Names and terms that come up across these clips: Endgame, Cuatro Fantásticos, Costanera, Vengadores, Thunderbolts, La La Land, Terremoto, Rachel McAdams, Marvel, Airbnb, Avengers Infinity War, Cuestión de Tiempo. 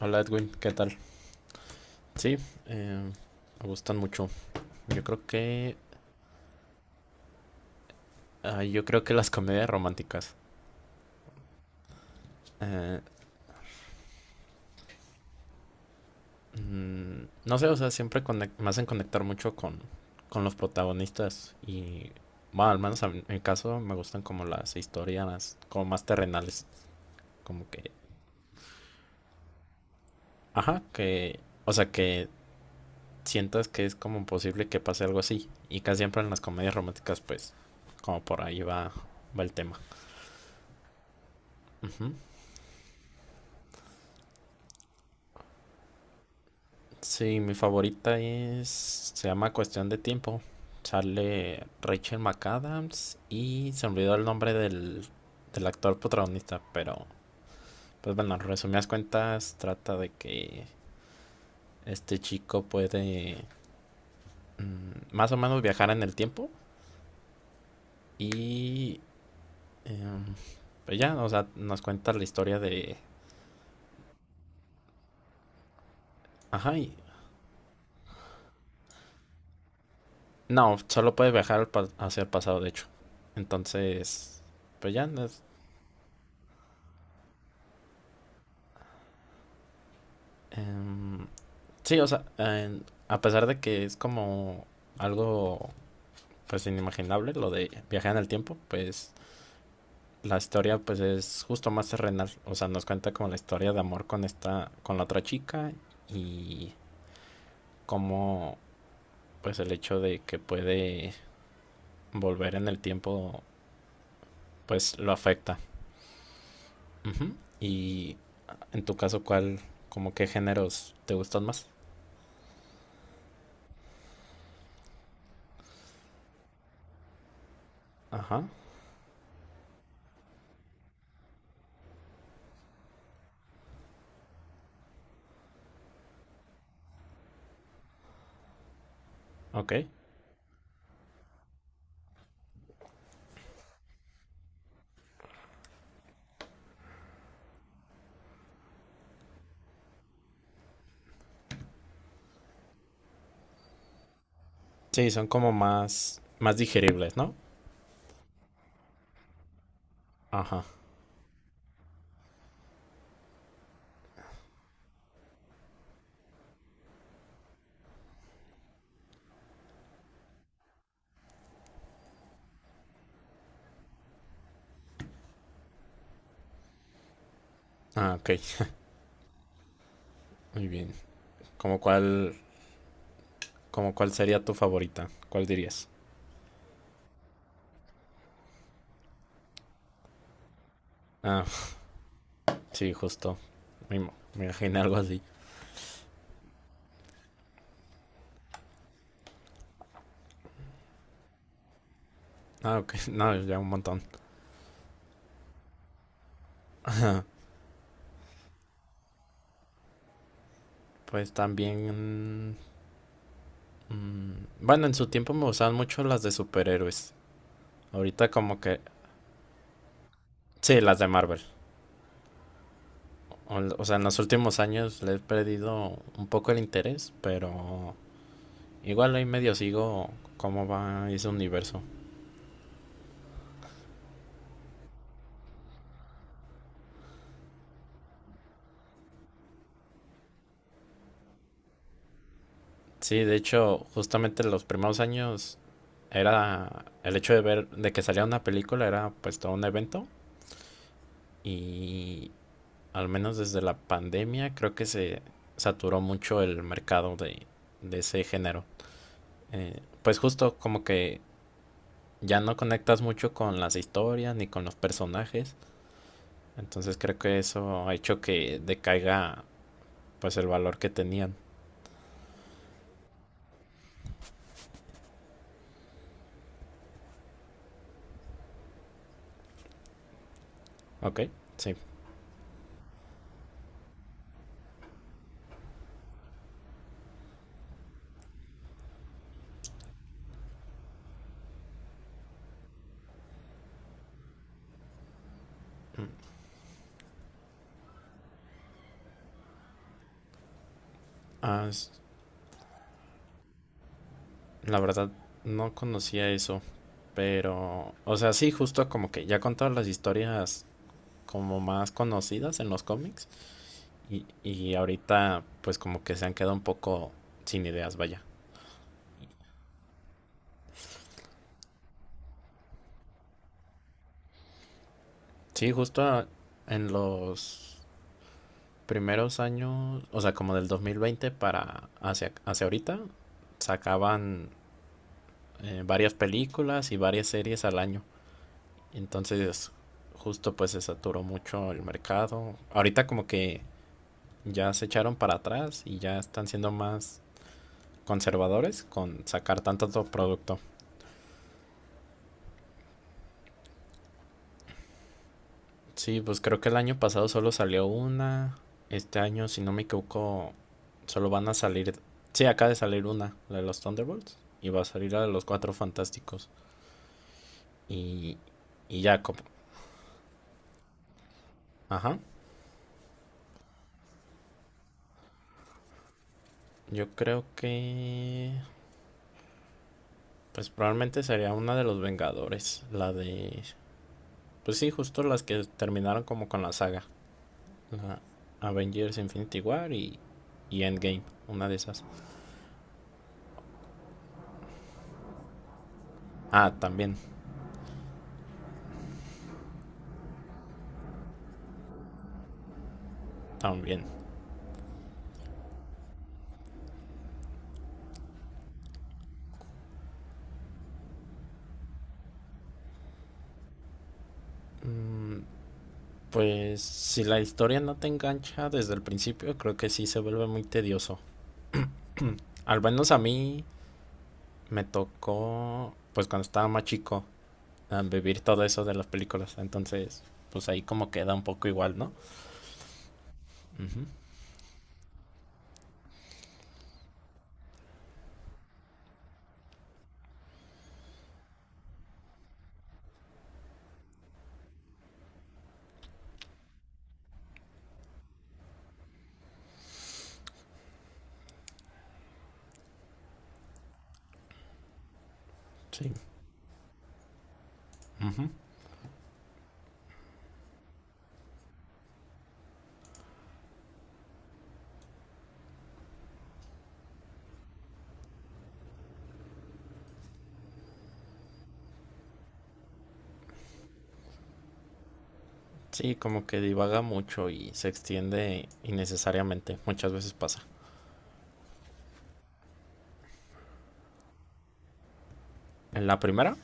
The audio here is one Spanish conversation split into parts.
Hola Edwin, ¿qué tal? Sí, eh, me gustan mucho. Yo creo que, yo creo que las comedias románticas. eh, no sé, o sea, siempre me hacen conectar mucho con los protagonistas y, bueno, al menos en mi caso me gustan como las historias como más terrenales, como que, ajá, que, o sea, que sientas que es como posible que pase algo así y casi siempre en las comedias románticas, pues, como por ahí va, va el tema. Ujú. Sí, mi favorita es, se llama Cuestión de Tiempo. Sale Rachel McAdams y se olvidó el nombre del, del actor protagonista, pero pues bueno, en resumidas cuentas trata de que este chico puede más o menos viajar en el tiempo y em, pues ya, o sea, nos cuenta la historia de... Ajá, no, solo puede viajar al hacia el pasado, de hecho. Entonces, pues ya, Em, sí, o sea, a pesar de que es como algo pues inimaginable lo de viajar en el tiempo, pues la historia pues es justo más terrenal, o sea, nos cuenta como la historia de amor con esta con la otra chica y cómo pues el hecho de que puede volver en el tiempo pues lo afecta. Ujú. Y en tu caso, ¿cuál, como qué géneros te gustan más? Ajá, ok. Sí, son como más digeribles, ¿no? Ajá. Ah, ok. Muy bien. ¿Cómo cuál, ¿como cuál sería tu favorita? ¿Cuál dirías? Ah, sí, justo. Me imaginé algo así. Ah, ok. No, ya un montón. Pues también... mm, bueno, en su tiempo me gustaban mucho las de superhéroes. Ahorita como que... Sí, las de Marvel. O sea, en los últimos años le he perdido un poco el interés, pero igual ahí medio sigo cómo va ese universo. Sí, de hecho, justamente los primeros años era el hecho de ver, de que salía una película era pues todo un evento y al menos desde la pandemia creo que se saturó mucho el mercado de ese género. Pues justo como que ya no conectas mucho con las historias ni con los personajes, entonces creo que eso ha hecho que decaiga pues el valor que tenían. Ok, sí. Ah, la verdad, no conocía eso, pero, o sea, sí, justo como que ya con todas las historias como más conocidas en los cómics y ahorita pues como que se han quedado un poco sin ideas, vaya. Sí, justo en los primeros años, o sea, como del 2020 para hacia, hacia ahorita, sacaban varias películas y varias series al año. Entonces, justo pues se saturó mucho el mercado. Ahorita como que ya se echaron para atrás y ya están siendo más conservadores con sacar tanto, tanto producto. Sí, pues creo que el año pasado solo salió una. Este año, si no me equivoco, solo van a salir. Sí, acaba de salir una, la de los Thunderbolts. Y va a salir la de los Cuatro Fantásticos. Y, y ya, como- Ajá. Yo creo que. Pues probablemente sería una de los Vengadores. La de. Pues sí, justo las que terminaron como con la saga. La Avengers Infinity War y Endgame, una de esas. Ah, también, también. Mm, Pues si la historia no te engancha desde el principio, creo que sí se vuelve muy tedioso. Al menos a mí me tocó, pues cuando estaba más chico, a vivir todo eso de las películas. Entonces, pues ahí como queda un poco igual, ¿no? Ujú. Sí, ujú. Sí, como que divaga mucho y se extiende innecesariamente. Muchas veces pasa. En la primera,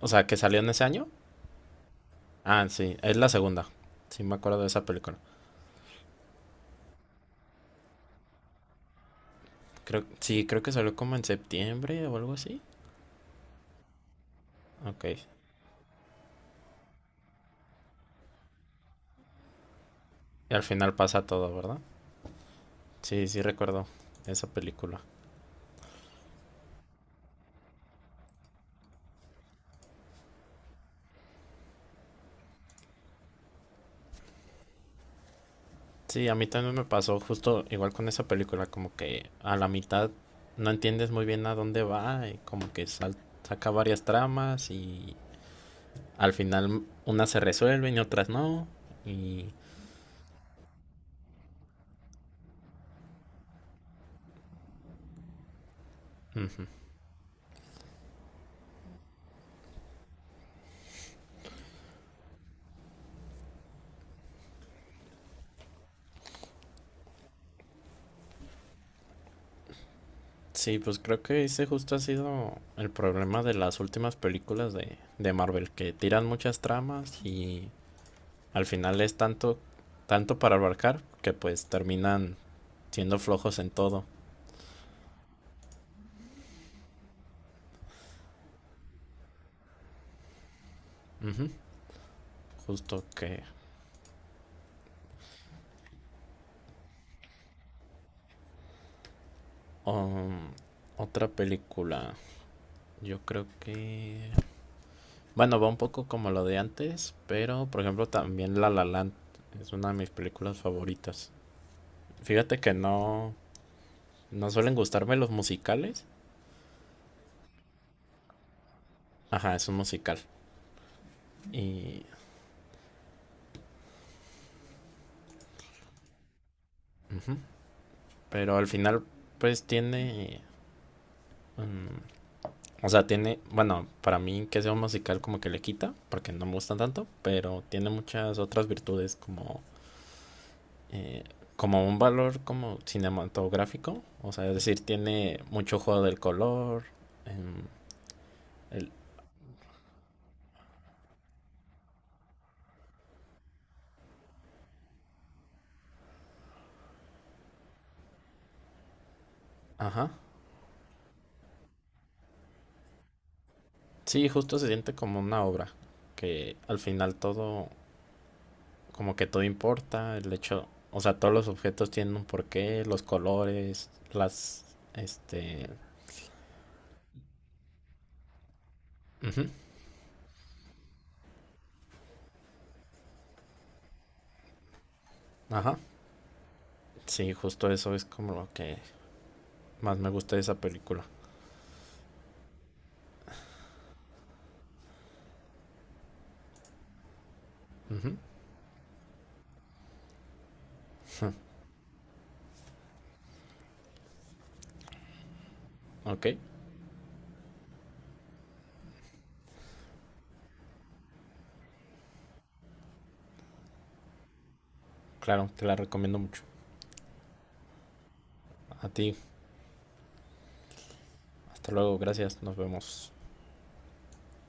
o sea, que salió en ese año. Ah, sí, es la segunda. Sí, me acuerdo de esa película. Creo, sí, creo que salió como en septiembre o algo así. Ok. Y al final pasa todo, ¿verdad? Sí, sí recuerdo esa película. Sí, a mí también me pasó justo igual con esa película, como que a la mitad no entiendes muy bien a dónde va y como que saca varias tramas y al final unas se resuelven y otras no. Y sí, pues creo que ese justo ha sido el problema de las últimas películas de Marvel, que tiran muchas tramas y al final es tanto, tanto para abarcar que pues terminan siendo flojos en todo. Ujú, justo que... um, otra película, yo creo que... Bueno, va un poco como lo de antes, pero por ejemplo también La La Land es una de mis películas favoritas. Fíjate que no, no suelen gustarme los musicales. Ajá, es un musical. Y ujú, pero al final, pues tiene. mm, o sea, tiene. Bueno, para mí que sea un musical como que le quita, porque no me gusta tanto, pero tiene muchas otras virtudes como. eh, Como un valor como cinematográfico. O sea, es decir, tiene mucho juego del color. em, el, ajá. Sí, justo se siente como una obra. Que al final todo. Como que todo importa, el hecho, o sea, todos los objetos tienen un porqué, los colores, las, este, ujú, ajá, sí, justo eso es como lo que más me gusta de esa película. Ujú, ok, claro, te la recomiendo mucho. A ti, hasta luego, gracias, nos vemos.